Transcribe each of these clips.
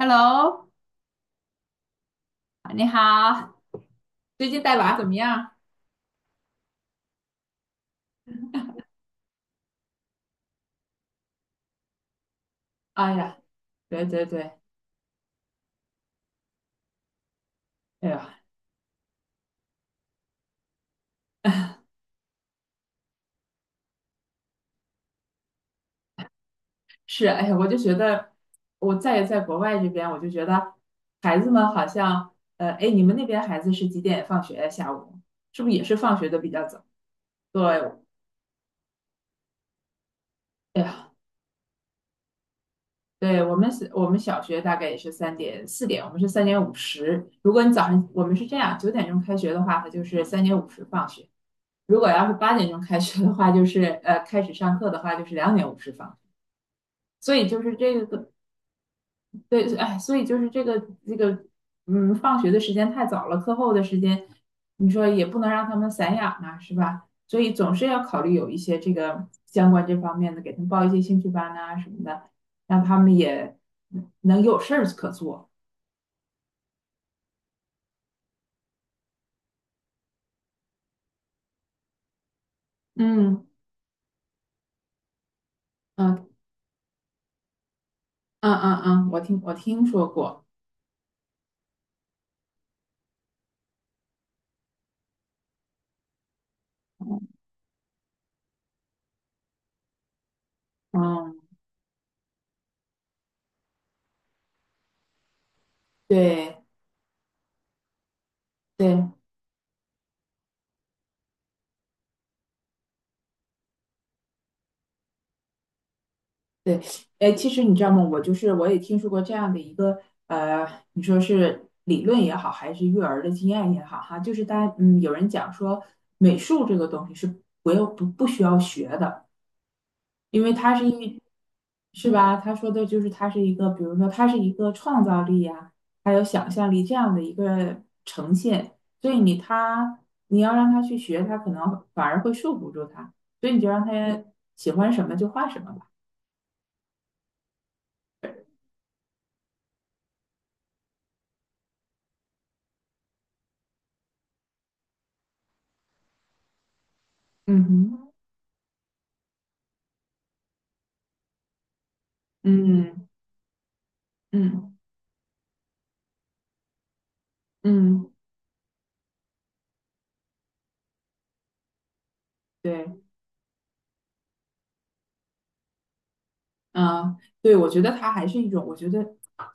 Hello，你好，最近带娃怎么样？哎呀，对对对，哎呀，是，哎呀，我就觉得我在国外这边，我就觉得孩子们好像，哎，你们那边孩子是几点放学呀？下午是不是也是放学的比较早？对，哎呀，对我们是，我们小学大概也是3点4点，我们是三点五十。如果你早上我们是这样，9点钟开学的话，它就是三点五十放学；如果要是8点钟开学的话，就是开始上课的话，就是2:50放。所以就是这个，对，哎，所以就是这个，嗯，放学的时间太早了，课后的时间，你说也不能让他们散养啊，是吧？所以总是要考虑有一些这个相关这方面的，给他们报一些兴趣班啊什么的，让他们也能有事儿可做。嗯嗯嗯嗯嗯，我听说过，嗯，对对，对，哎，其实你知道吗？我就是我也听说过这样的一个呃，你说是理论也好，还是育儿的经验也好，哈，就是大家有人讲说美术这个东西是不需要学的，因为它是一是吧？他说的就是它是一个，比如说它是一个创造力呀、还有想象力这样的一个呈现，所以你要让他去学，他可能反而会束缚住他，所以你就让他喜欢什么就画什么吧。嗯哼。嗯，嗯嗯，对，嗯，对，我觉得它还是一种，我觉得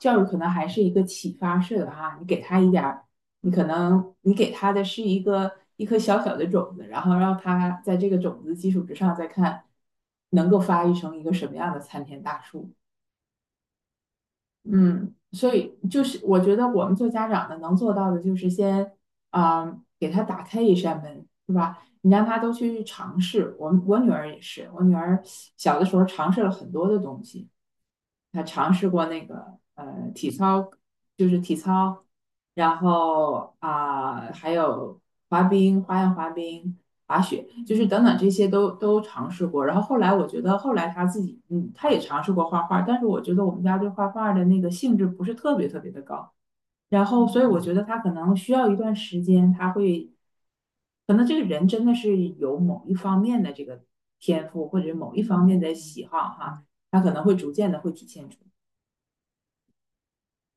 教育可能还是一个启发式的哈，你给他一点儿，你可能你给他的是一颗小小的种子，然后让他在这个种子基础之上再看能够发育成一个什么样的参天大树。嗯，所以就是我觉得我们做家长的能做到的，就是先啊、给他打开一扇门，是吧？你让他都去尝试。我女儿也是，我女儿小的时候尝试了很多的东西，她尝试过那个体操，就是体操，然后啊、还有滑冰，花样滑冰，滑雪，就是等等这些都尝试过。然后后来我觉得，后来他自己，他也尝试过画画，但是我觉得我们家对画画的那个兴致不是特别特别的高。然后，所以我觉得他可能需要一段时间，他会，可能这个人真的是有某一方面的这个天赋，或者是某一方面的喜好哈，他可能会逐渐的会体现出，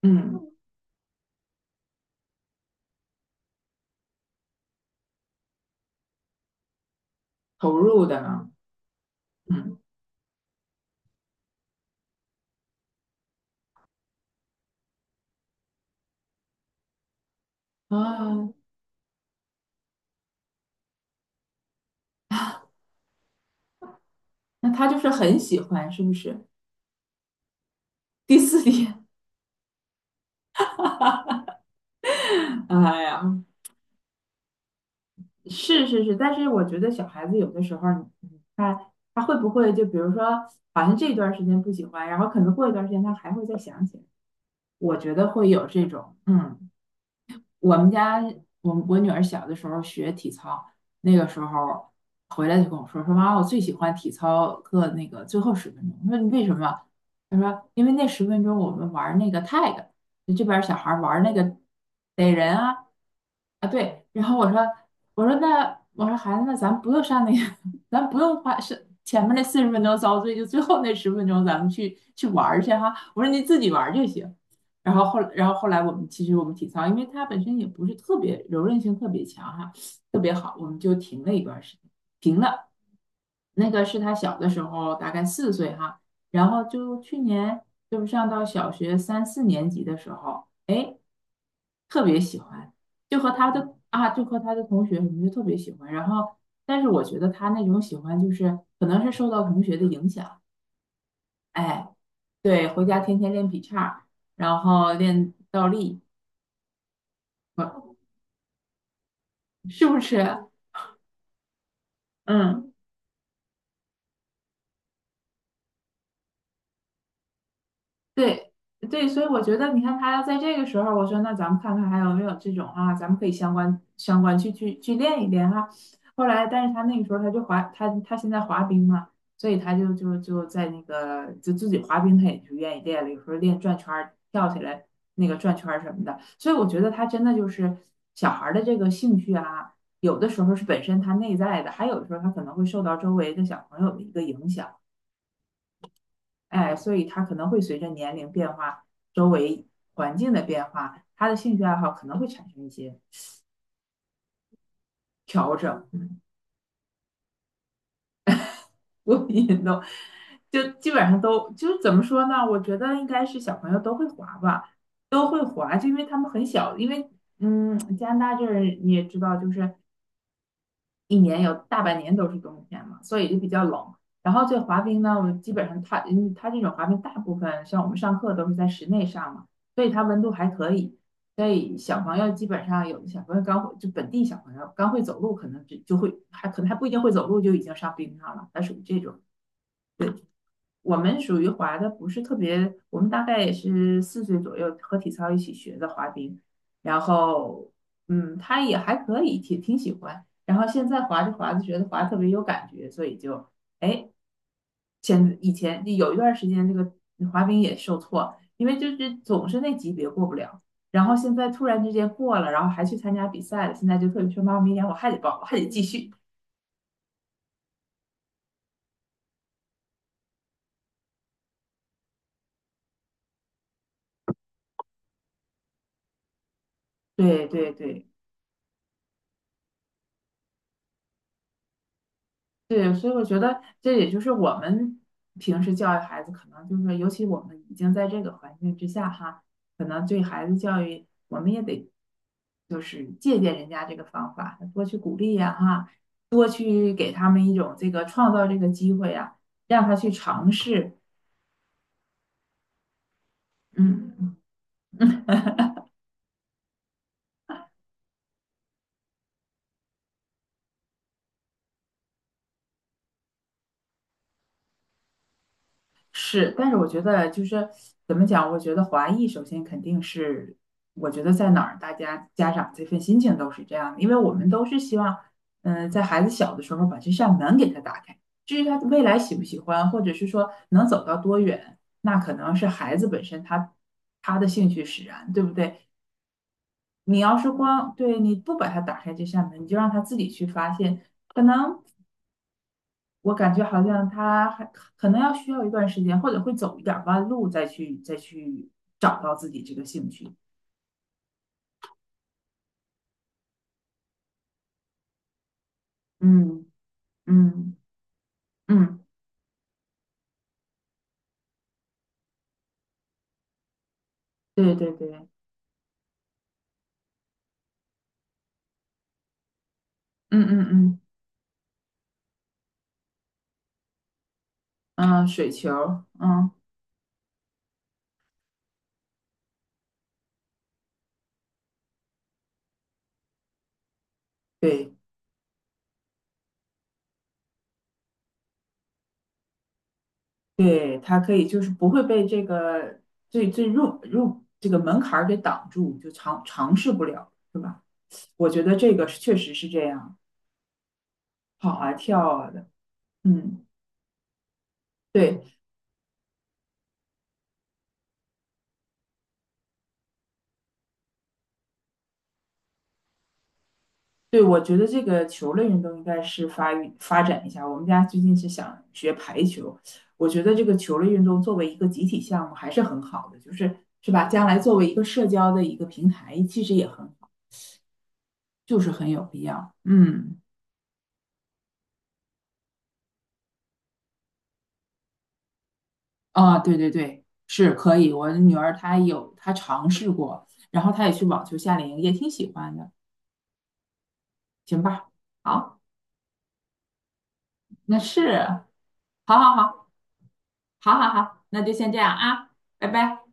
嗯，投入的呢，嗯啊，那他就是很喜欢，是不是？第四点，哎呀。是是是，但是我觉得小孩子有的时候儿，你看他会不会就比如说，好像这段儿时间不喜欢，然后可能过一段儿时间他还会再想起来，我觉得会有这种，嗯。我们家我女儿小的时候学体操，那个时候回来就跟我说妈，我最喜欢体操课那个最后十分钟。我说你为什么？他说因为那十分钟我们玩那个 tag，就这边小孩玩那个逮人啊啊对。然后我说孩子那咱不用上那个，咱不用花前面那40分钟遭罪，就最后那十分钟咱们去玩儿去哈。我说你自己玩儿就行。然后后来我们其实我们体操，因为它本身也不是特别柔韧性特别强哈，特别好，我们就停了一段时间，停了。那个是他小的时候，大概四岁哈，然后就去年就是上到小学三四年级的时候，哎，特别喜欢，就和他的同学什么就特别喜欢。然后，但是我觉得他那种喜欢就是可能是受到同学的影响，哎，对，回家天天练劈叉然后练倒立。是不是？嗯对对，所以我觉得，你看他要在这个时候，我说那咱们看看还有没有这种啊，咱们可以相关去练一练哈。后来，但是他那个时候他现在滑冰嘛，所以他就在那个就自己滑冰，他也就愿意练了，有时候练转圈儿、跳起来那个转圈儿什么的。所以我觉得他真的就是小孩儿的这个兴趣啊，有的时候是本身他内在的，还有的时候他可能会受到周围的小朋友的一个影响。哎，所以他可能会随着年龄变化、周围环境的变化，他的兴趣爱好可能会产生一些调整，所以都就基本上都就怎么说呢？我觉得应该是小朋友都会滑吧，都会滑，就因为他们很小，因为加拿大这儿你也知道，就是一年有大半年都是冬天嘛，所以就比较冷。然后这滑冰呢，我基本上它这种滑冰大部分像我们上课都是在室内上嘛，所以它温度还可以。所以小朋友基本上有的小朋友刚会，就本地小朋友刚会走路，可能就会还可能还不一定会走路就已经上冰上了，它属于这种。我们属于滑的不是特别，我们大概也是四岁左右和体操一起学的滑冰，然后他也还可以，挺喜欢。然后现在滑着滑着觉得滑特别有感觉，所以就哎，以前有一段时间这个滑冰也受挫，因为就是总是那级别过不了。然后现在突然之间过了，然后还去参加比赛了，现在就特别说妈妈，明年我还得报，我还得继续。对对对。对，所以我觉得这也就是我们平时教育孩子，可能就是说，尤其我们已经在这个环境之下哈，可能对孩子教育，我们也得就是借鉴人家这个方法，多去鼓励呀哈，多去给他们一种这个创造这个机会呀，让他去尝试，嗯。是，但是我觉得就是怎么讲？我觉得华裔首先肯定是，我觉得在哪儿，大家家长这份心情都是这样的，因为我们都是希望，在孩子小的时候把这扇门给他打开，至于他未来喜不喜欢，或者是说能走到多远，那可能是孩子本身他的兴趣使然，对不对？你要是光对你不把他打开这扇门，你就让他自己去发现，可能。我感觉好像他还可能需要一段时间，或者会走一点弯路，再去找到自己这个兴趣。嗯嗯嗯，对对对，嗯嗯嗯嗯，水球嗯，对对，他可以就是不会被这个最入这个门槛儿给挡住，就尝试不了，是吧？我觉得这个是确实是这样，跑啊跳啊的，嗯，对。对，我觉得这个球类运动应该是发育发展一下。我们家最近是想学排球，我觉得这个球类运动作为一个集体项目还是很好的，是吧？将来作为一个社交的一个平台，其实也很好，就是很有必要。嗯，啊，对对对，是可以。我的女儿她尝试过，然后她也去网球夏令营，也挺喜欢的。行吧，好，那是，好好好，好好好，那就先这样啊，拜拜。